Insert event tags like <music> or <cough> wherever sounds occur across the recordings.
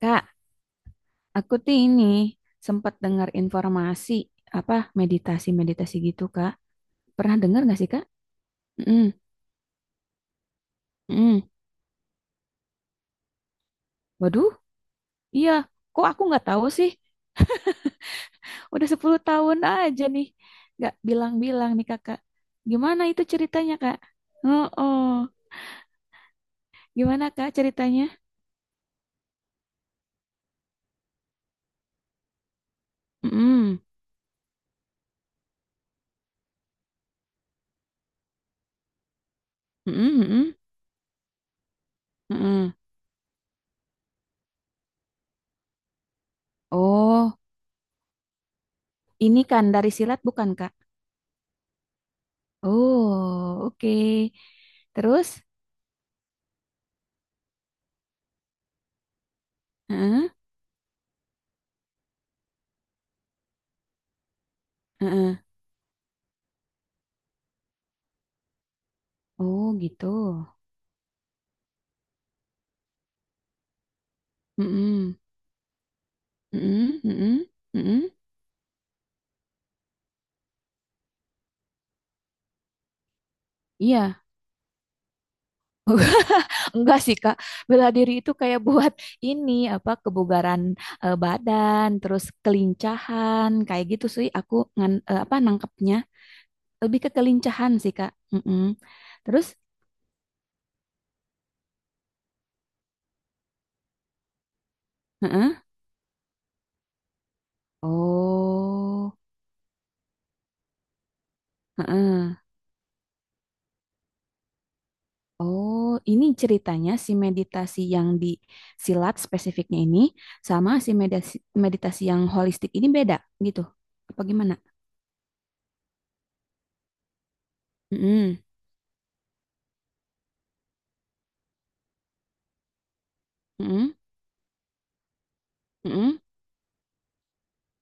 Kak, aku tuh ini sempat dengar informasi apa meditasi-meditasi gitu, Kak. Pernah dengar nggak sih, Kak? Mm, mm. Waduh, iya. Kok aku nggak tahu sih? Udah 10 tahun aja nih. Nggak bilang-bilang nih, Kakak. Gimana itu ceritanya, Kak? Oh, oh. Gimana, Kak, ceritanya? Mm, mm, mm, mm, mm. Oh, ini kan dari silat bukan, Kak? Oh, oke. Terus? Heeh, heeh. Oh, gitu. Mm-mm, mm-mm, mm-mm, mm-mm. Iya. <laughs> Enggak sih, Kak. Bela diri itu kayak buat <laughs> ini apa kebugaran eh, badan, terus kelincahan, kayak gitu sih aku eh, apa nangkepnya. Lebih ke kelincahan sih, Kak. Mm-mm. Terus, heeh. Oh, heeh. Oh, ini ceritanya si meditasi yang di silat spesifiknya ini sama si meditasi meditasi yang holistik ini beda gitu. Apa gimana? Mm-mm. Mm-mm. Mm-mm.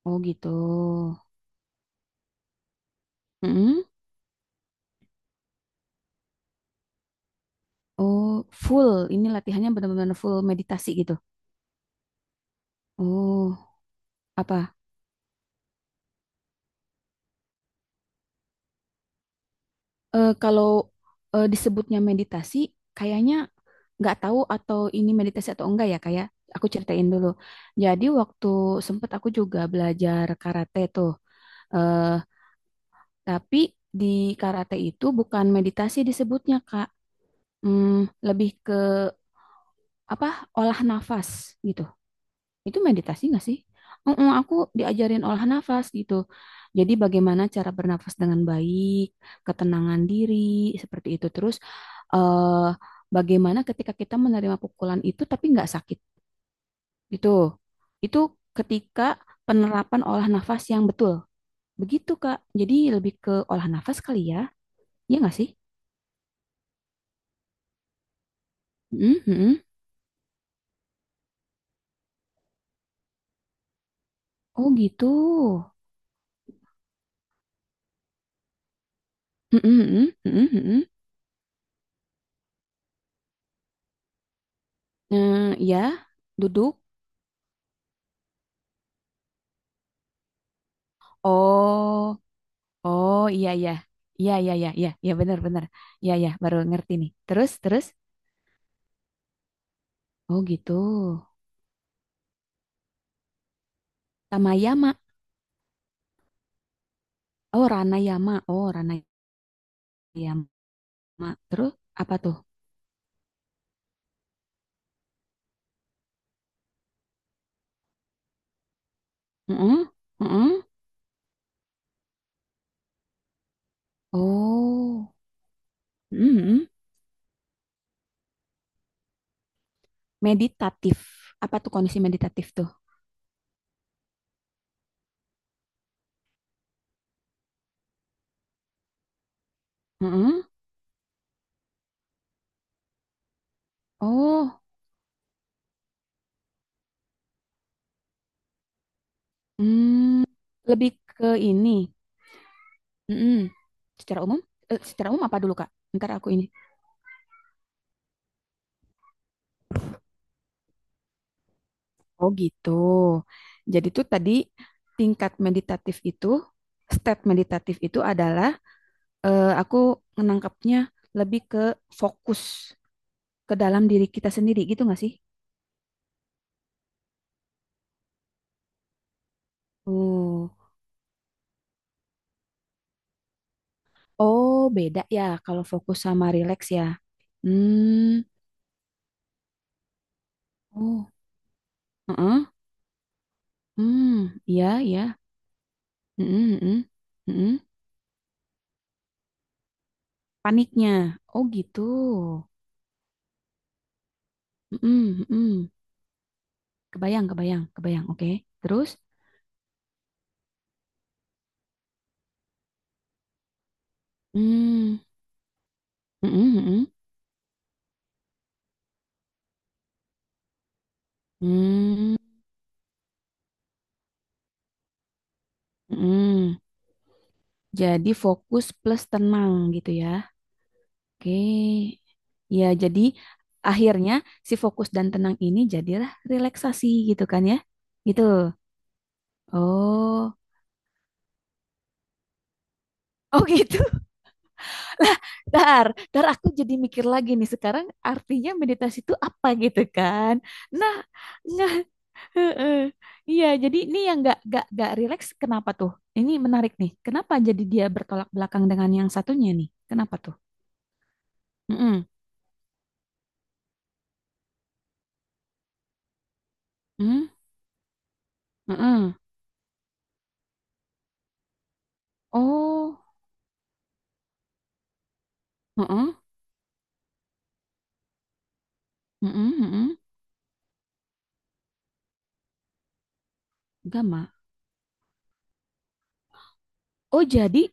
Oh gitu. Mm-mm. Oh full. Ini latihannya benar-benar full meditasi gitu. Oh apa? Eh kalau eh, disebutnya meditasi, kayaknya nggak tahu atau ini meditasi atau enggak ya kayak. Aku ceritain dulu. Jadi waktu sempet aku juga belajar karate tuh. Eh tapi di karate itu bukan meditasi disebutnya Kak. Hmm, lebih ke apa? Olah nafas gitu. Itu meditasi nggak sih? Heeh, aku diajarin olah nafas gitu. Jadi bagaimana cara bernafas dengan baik, ketenangan diri, seperti itu. Terus eh, bagaimana ketika kita menerima pukulan itu tapi nggak sakit gitu. Itu ketika penerapan olah nafas yang betul. Begitu, Kak. Jadi lebih ke olah nafas kali ya. Iya nggak sih? Mm, mm. Oh gitu. Mm, mm, mm, mm, mm, mm. Eh, ya, duduk. Oh, oh iya iya. Iya iya iya iya iya benar benar. Iya iya baru ngerti nih. Terus terus. Oh gitu. Tamayama. Oh Ranayama. Oh Ranayama. Terus apa tuh? Heeh. Heeh. Oh. Mm-mm. Meditatif. Apa tuh kondisi meditatif tuh? Heeh. Oh. Hmm. Lebih ke ini. Mm-mm. Secara umum? Eh, secara umum apa dulu Kak? Ntar aku ini. Oh gitu. Jadi tuh tadi tingkat meditatif itu, step meditatif itu adalah aku menangkapnya lebih ke fokus ke dalam diri kita sendiri gitu nggak sih? Oh, oh beda ya kalau fokus sama relax ya. Hmm, oh, heeh. Hmm, iya ya. Hmm, hmm, hmm. Hmm, hmm. Paniknya. Oh gitu. Hmm, hmm. Hmm. Kebayang, kebayang, kebayang. Oke. Terus, hmm, hmm, hmm. Hmm. Hmm, mm. Jadi fokus plus tenang gitu ya. Oke. Ya, jadi akhirnya si fokus dan tenang ini jadilah relaksasi gitu kan ya. Gitu. Oh. Oh gitu. <laughs> Dar, dar aku jadi mikir lagi nih sekarang artinya meditasi itu apa gitu kan. Nah, nah, <laughs> heeh. Iya, jadi ini yang gak rileks kenapa tuh? Ini menarik nih. Kenapa jadi dia bertolak belakang dengan yang satunya nih? Kenapa tuh? Mm-mm. Hmm? Heeh. Oh, heeh. Heeh, heeh. Gama. Oh, jadi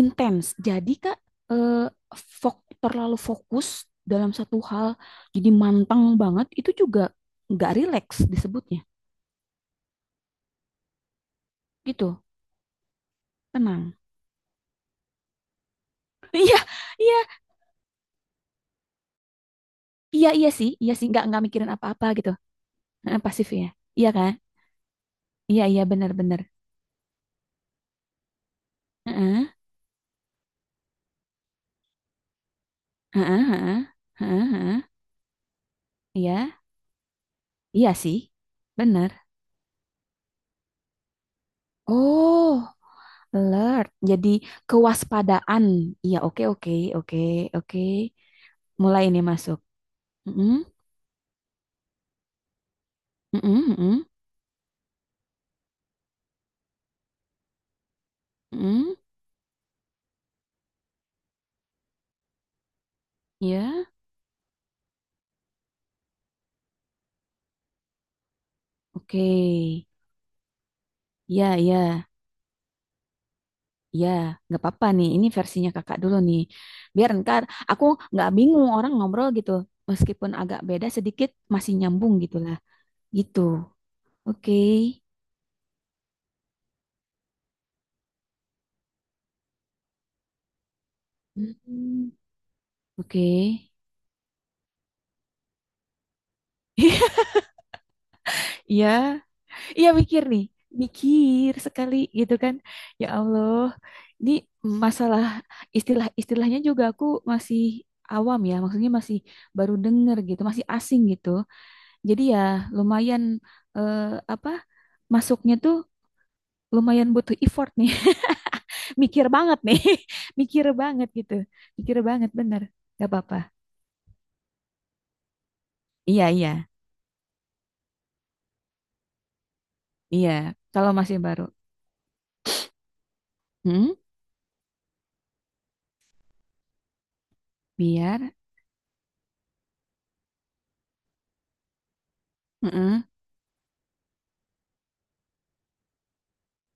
intens. Jadi Kak eh fok terlalu fokus dalam satu hal, jadi manteng banget itu juga nggak rileks disebutnya. Gitu. Tenang. <laughs> Iya, iya, iya, iya sih, nggak mikirin apa-apa gitu. Heeh, pasif ya. Iya kan? Iya, iya, benar-benar. Heeh, heeh, heeh, heeh, heeh. Iya, iya sih, benar. Oh. Alert. Jadi kewaspadaan. Iya, oke, oke, oke, oke. Mulai ini masuk. Mm-mm, mm-mm, mm-mm, mm-mm. Iya, oke. Ya ya ya. Nggak apa-apa nih. Ini versinya Kakak dulu nih. Biar ntar aku nggak bingung orang ngobrol gitu. Meskipun agak beda sedikit, masih nyambung gitu lah. Gitu. Oke. Mm, oke. <laughs> Iya. Iya mikir nih, mikir sekali gitu kan. Ya Allah, ini masalah istilah-istilahnya juga aku masih awam ya, maksudnya masih baru denger gitu, masih asing gitu. Jadi ya lumayan eh, apa masuknya tuh lumayan butuh effort nih, <laughs> mikir banget nih, <laughs> mikir banget gitu, mikir banget bener. Gak apa-apa. Iya iya iya. Kalau masih baru, hmm? Biar, mm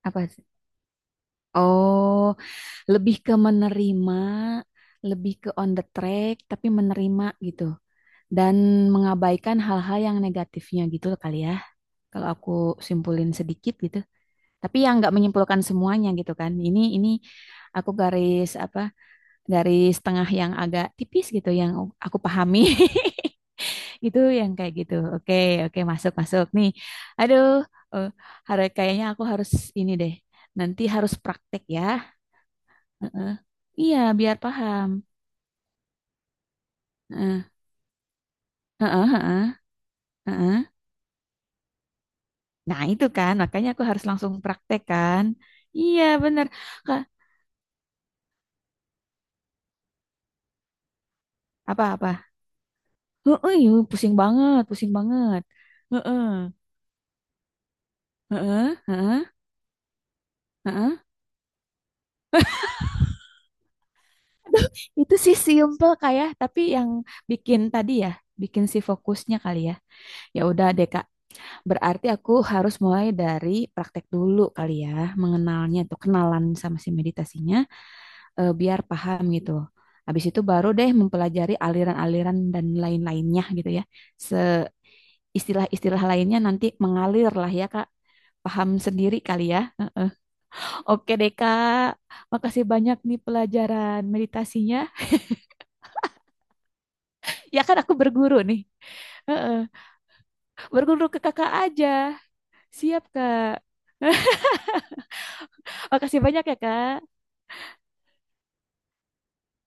Apa? Sih? Oh. Lebih ke menerima, lebih ke on the track, tapi menerima gitu. Dan mengabaikan hal-hal yang negatifnya gitu loh kali ya. Kalau aku simpulin sedikit gitu. Tapi yang nggak menyimpulkan semuanya gitu kan. Ini aku garis apa? Garis tengah yang agak tipis gitu yang aku pahami. <laughs> Gitu yang kayak gitu. Oke, oke masuk masuk nih. Aduh, eh, hari kayaknya aku harus ini deh. Nanti harus praktek ya. Heeh. Iya, biar paham. Heeh. Heeh, heeh, heeh. Nah, itu kan, makanya aku harus langsung praktek kan. Iya, bener. Kak, apa-apa? Heeh, iya, pusing banget, pusing banget. Heeh, heeh, heeh, heeh. Itu sih simple kayak, tapi yang bikin tadi ya, bikin si fokusnya kali ya. Ya udah deh, Kak. Berarti aku harus mulai dari praktek dulu kali ya, mengenalnya tuh, kenalan sama si meditasinya. Eh, biar paham gitu. Habis itu baru deh mempelajari aliran-aliran dan lain-lainnya gitu ya. Se istilah-istilah lainnya nanti mengalir lah ya Kak. Paham sendiri kali ya. Heeh. Oke deh Kak, makasih banyak nih pelajaran meditasinya. Ya kan aku berguru nih. Heeh. Berguru ke kakak aja. Siap Kak. <laughs> Makasih banyak ya Kak.